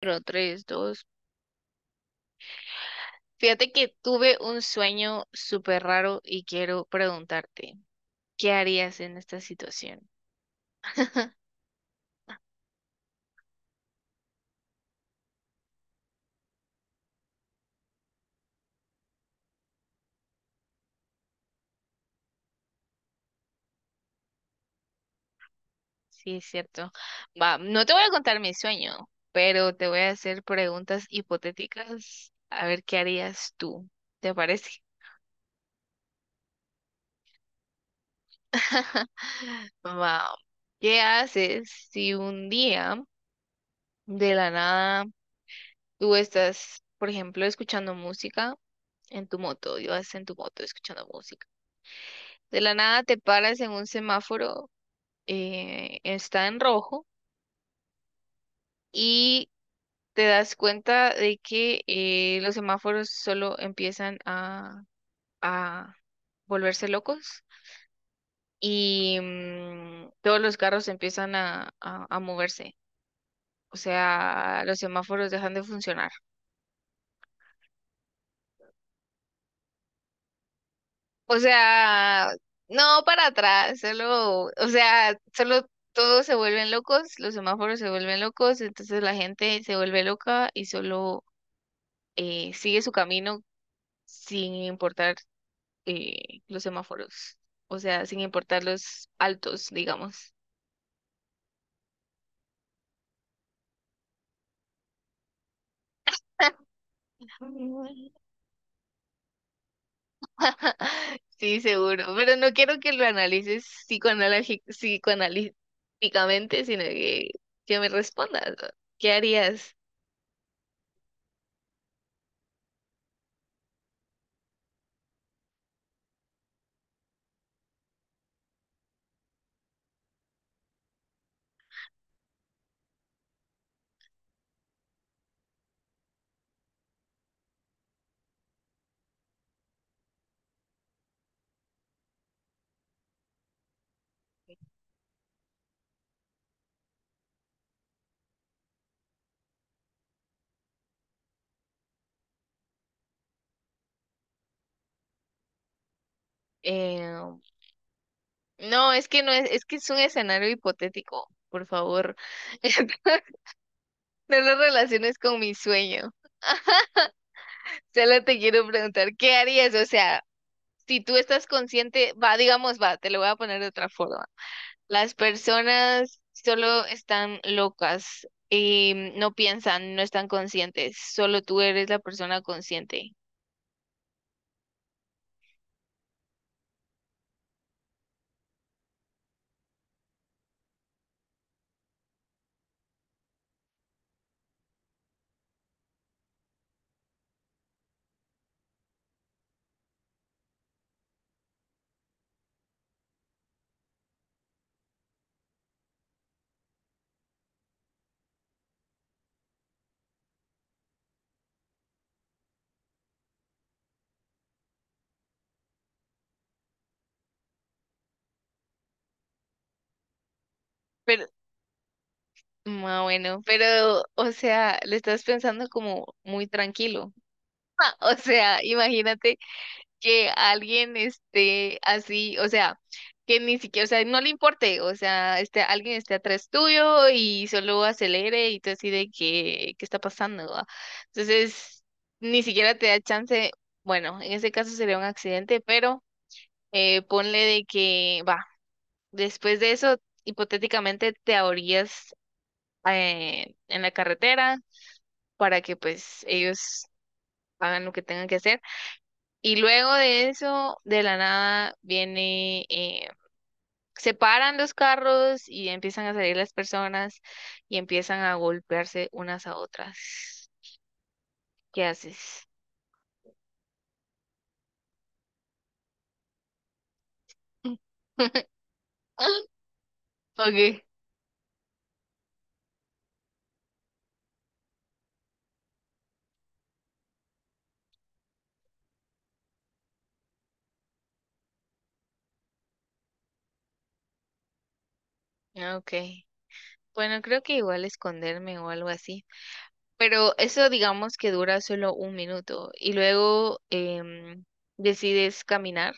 Pero tres, dos. Fíjate que tuve un sueño súper raro y quiero preguntarte, ¿qué harías en esta situación? Sí, es cierto. Va, no te voy a contar mi sueño, pero te voy a hacer preguntas hipotéticas a ver qué harías tú. ¿Te parece? Va, ¿qué haces si un día de la nada tú estás, por ejemplo, escuchando música en tu moto, ibas en tu moto escuchando música? De la nada te paras en un semáforo, está en rojo y te das cuenta de que los semáforos solo empiezan a volverse locos y todos los carros empiezan a moverse. O sea, los semáforos dejan de funcionar. O sea, no para atrás, solo, o sea, solo todos se vuelven locos, los semáforos se vuelven locos, entonces la gente se vuelve loca y solo sigue su camino sin importar los semáforos, o sea, sin importar los altos, digamos. Mm. Sí, seguro, pero no quiero que lo analices psicoanalíticamente, sino que me respondas, ¿no? ¿Qué harías? Eh, no, es que no es, es que es un escenario hipotético, por favor. No lo relaciones con mi sueño. Solo te quiero preguntar, ¿qué harías? O sea, si tú estás consciente, va, digamos, va, te lo voy a poner de otra forma. Las personas solo están locas y no piensan, no están conscientes, solo tú eres la persona consciente. Pero, ah, bueno, pero, o sea, le estás pensando como muy tranquilo. O sea, imagínate que alguien esté así, o sea, que ni siquiera, o sea, no le importe, o sea, este, alguien esté atrás tuyo y solo acelere y tú así de que, ¿qué está pasando?, ¿va? Entonces, ni siquiera te da chance, bueno, en ese caso sería un accidente, pero ponle de que, va, después de eso, hipotéticamente te ahorías en la carretera para que pues ellos hagan lo que tengan que hacer. Y luego de eso, de la nada, viene, se paran los carros y empiezan a salir las personas y empiezan a golpearse unas a otras. ¿Qué haces? Okay, okay. Bueno, creo que igual esconderme o algo así. Pero eso digamos que dura solo un minuto y luego decides caminar.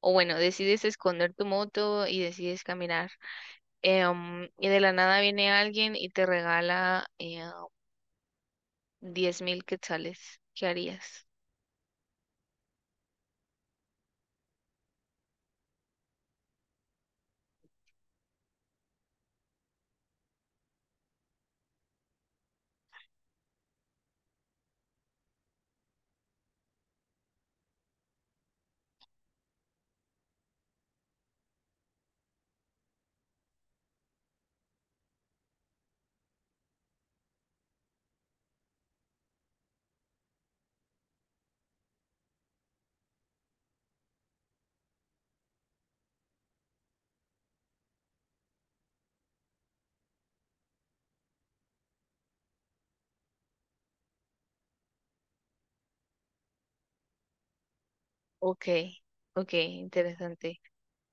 O bueno, decides esconder tu moto y decides caminar. Y de la nada viene alguien y te regala 10,000 quetzales. ¿Qué harías? Ok, ok, interesante.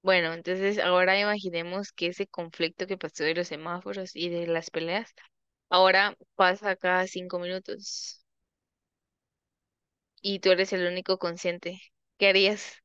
Bueno, entonces ahora imaginemos que ese conflicto que pasó de los semáforos y de las peleas, ahora pasa cada 5 minutos eres el único consciente. ¿Qué harías?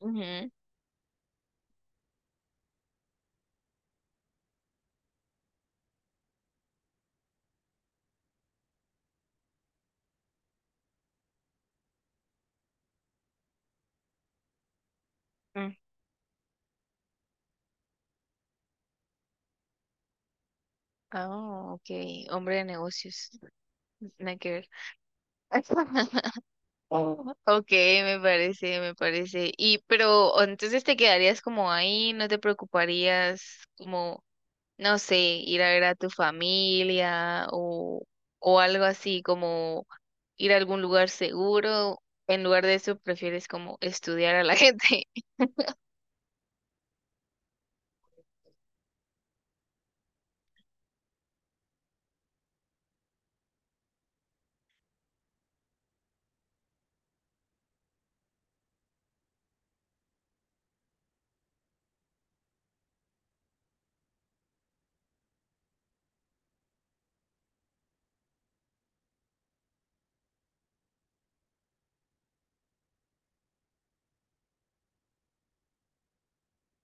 Ujú. Mm. Ah, ok, hombre de negocios, nada que ver. Oh, ok, me parece, me parece. Y pero o entonces te quedarías como ahí, no te preocuparías como, no sé, ir a ver a tu familia o algo así, como ir a algún lugar seguro. En lugar de eso, prefieres como estudiar a la gente.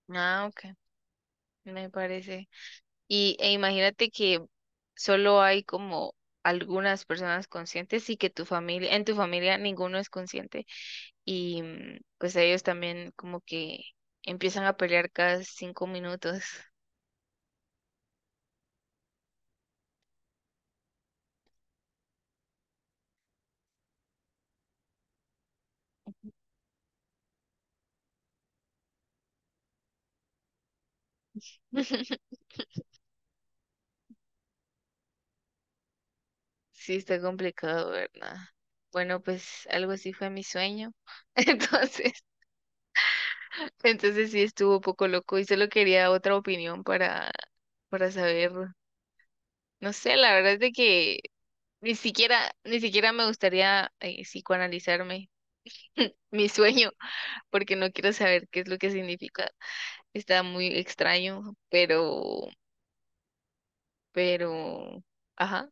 Ah, ok, me parece. Y imagínate que solo hay como algunas personas conscientes y que tu familia, en tu familia ninguno es consciente. Y pues ellos también como que empiezan a pelear cada 5 minutos. Sí, está complicado, ¿verdad? Bueno, pues algo así fue mi sueño. Entonces, entonces sí estuvo un poco loco y solo quería otra opinión para saber. No sé, la verdad es de que ni siquiera, ni siquiera me gustaría psicoanalizarme mi sueño, porque no quiero saber qué es lo que significa. Está muy extraño, pero pero, ajá.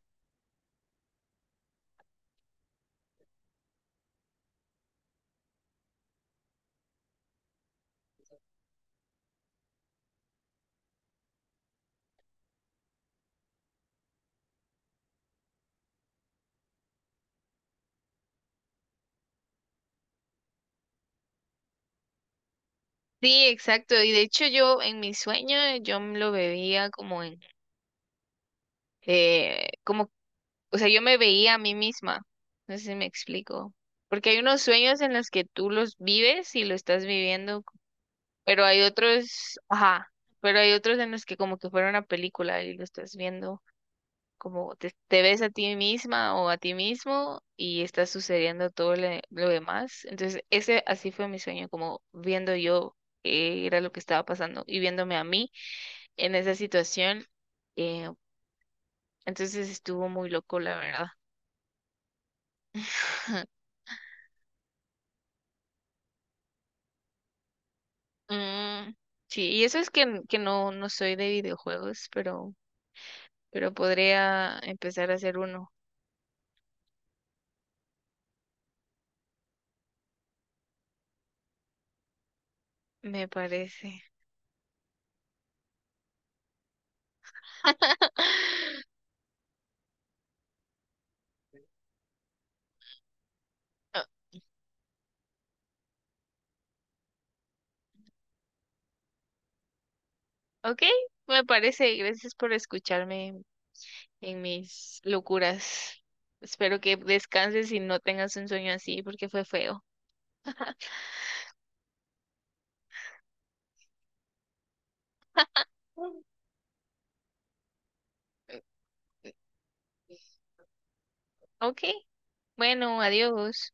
Sí, exacto. Y de hecho yo en mis sueños yo me lo veía como en, como, o sea, yo me veía a mí misma. No sé si me explico. Porque hay unos sueños en los que tú los vives y lo estás viviendo, pero hay otros, ajá, pero hay otros en los que como que fuera una película y lo estás viendo. Como te ves a ti misma o a ti mismo y está sucediendo todo lo demás. Entonces, ese así fue mi sueño, como viendo yo qué era lo que estaba pasando y viéndome a mí en esa situación. eh, entonces estuvo muy loco, la verdad. Mm, sí, y eso es que, que no soy de videojuegos, pero, podría empezar a hacer uno, me parece. Ah, ok, me parece. Gracias por escucharme en mis locuras. Espero que descanses y no tengas un sueño así porque fue feo. Ok, bueno, adiós.